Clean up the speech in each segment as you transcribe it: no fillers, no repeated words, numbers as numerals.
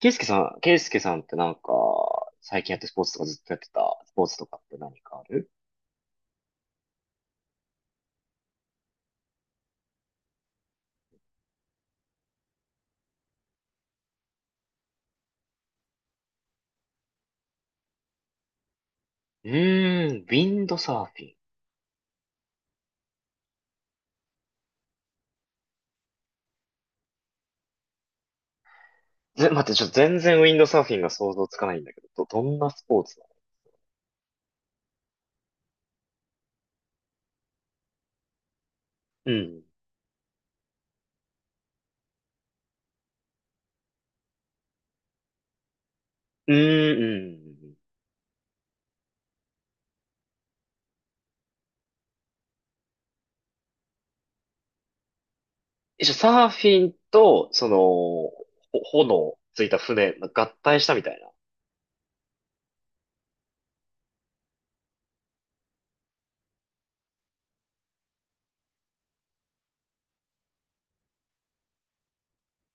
ケイスケさん、ケイスケさんって最近やってスポーツとかずっとやってたスポーツとかって何かある？ウィンドサーフィン。待って、ちょっと全然ウィンドサーフィンが想像つかないんだけど、どんなスポーツなの？うん。うーん、うん。うんえ、じゃあサーフィンと、その、炎ついた船、合体したみたいな。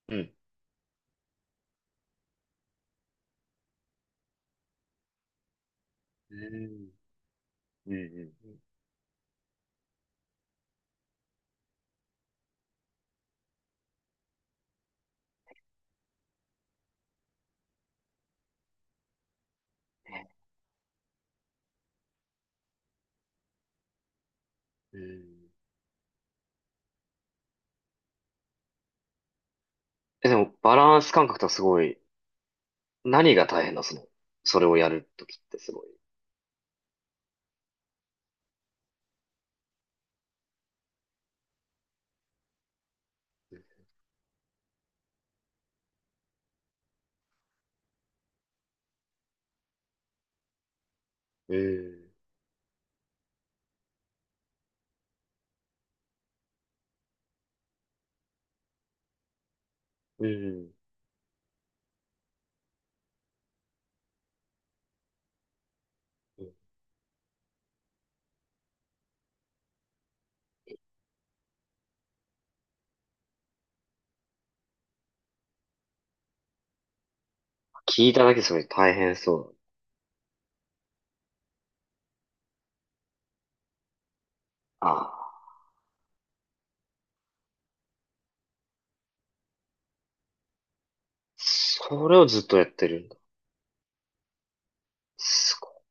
うん。うん、うん、うん。うん。うんえ、でも、バランス感覚とかすごい、何が大変な、その、それをやるときってすごい。うん。うん。聞いただけそれ大変そうだ。ああ。それをずっとやってるんだ。すご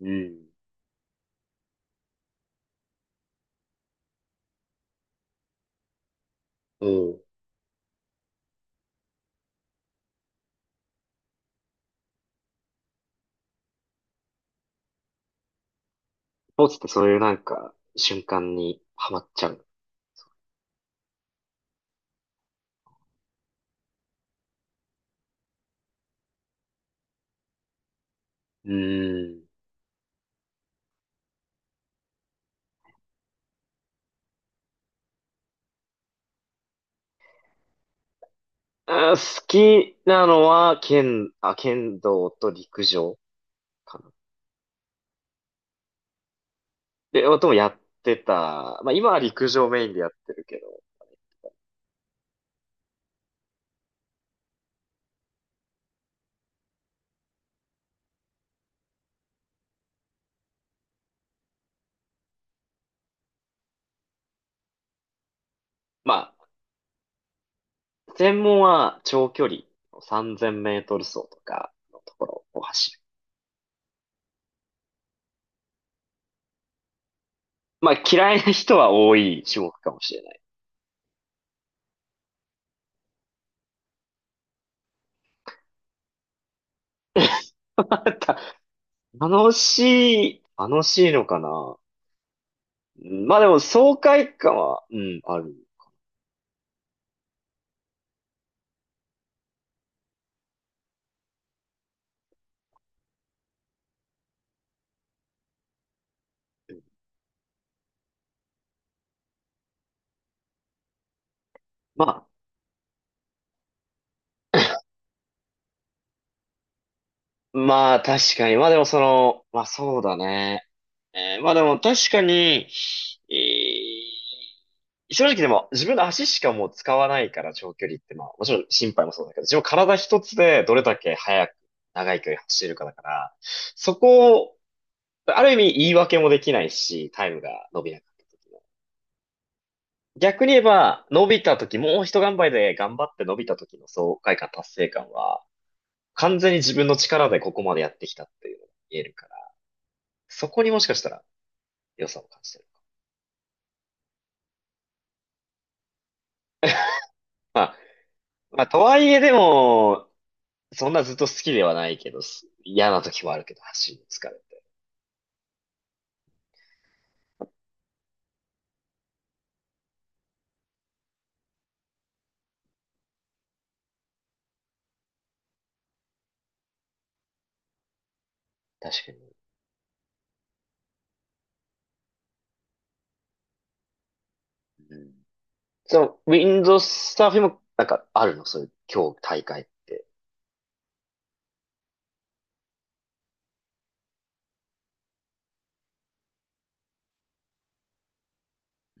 い。うん。うん。スポーツってそういうなんか、瞬間にハマっちゃう。うん。あ、好きなのは、あ、剣道と陸上かな。で、ともやってた。まあ今は陸上メインでやってるけど、まあ、専門は長距離3000メートル走とかのところを走る。まあ嫌いな人は多い種目かもしれない。また楽しい、楽しいのかな。うんまあでも爽快感は、うん、ある。まあ、まあ確かに。まあでもその、まあそうだね。まあでも確かに、えー正直でも自分の足しかもう使わないから長距離ってまあもちろん心配もそうだけど、自分体一つでどれだけ速く長い距離走れるかだから、そこを、ある意味言い訳もできないし、タイムが伸びなかった時の。逆に言えば、伸びた時、もう一頑張りで頑張って伸びた時の爽快感、達成感は、完全に自分の力でここまでやってきたっていうのが見えるから、そこにもしかしたら良さを感じてる。まあ、まあ、とはいえでも、そんなずっと好きではないけど、嫌な時もあるけど、走りに疲れて。確かに。うん。そう、ウィンドサーフィンも、なんか、あるのそういう、今日大会って？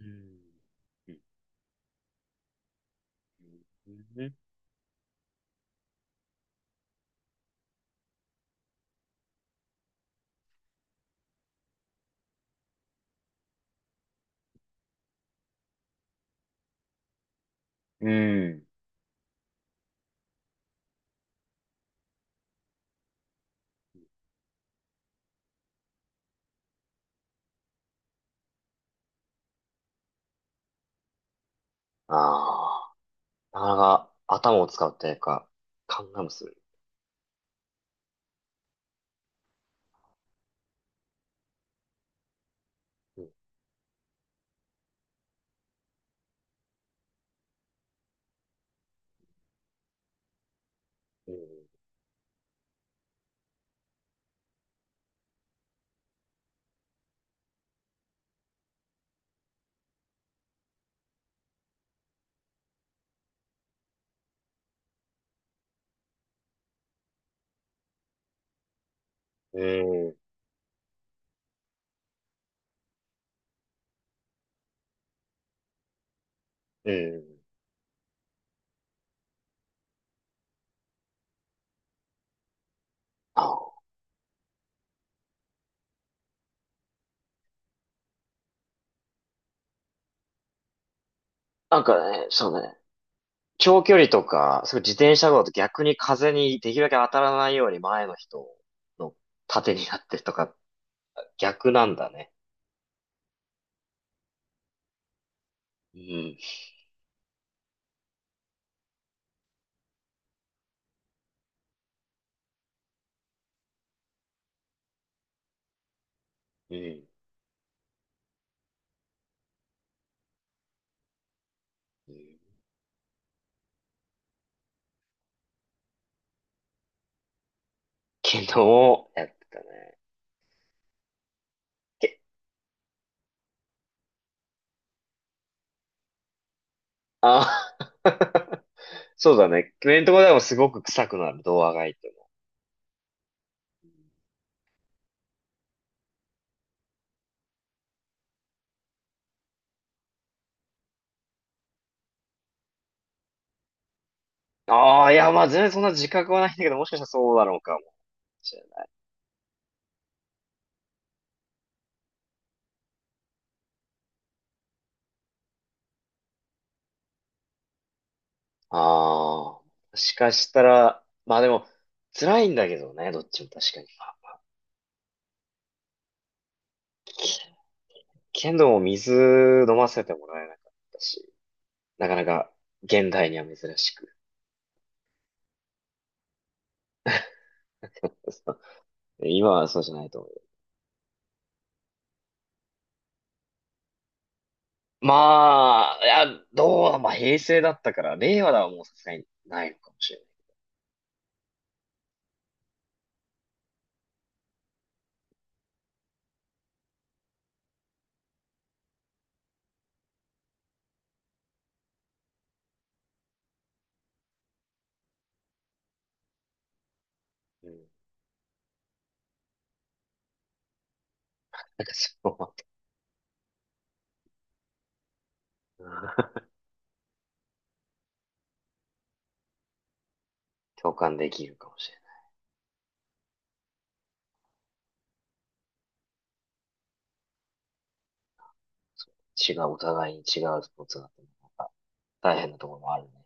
うん。うん。うん。ああ。なかなか頭を使うというか、考えもする。うん。うん。うん。うんあなんかね、そうね。長距離とか、そういう自転車道だと逆に風にできるだけ当たらないように前の人の盾になってとか、逆なんだね。うん。うん。うん昨日、やってたね。け、あ、そうだね。クレーンとこでもすごく臭くなる、ドアが開いても。ああ、いや、まあ全然そんな自覚はないんだけど、もしかしたらそうだろうかもしれない。ああ、もしかしたら、まあでも、辛いんだけどね、どっちも確かに。剣道も水飲ませてもらえなかったし、なかなか現代には珍しく。今はそうじゃないと思うよ。まあ、いや、どうだ、まあ平成だったから、令和だはもうさすがにないのかもしれない。うん。なんかそこは、うん共感できるかもしれない。違う、お互いに違うスポーツだと、大変なところもあるね。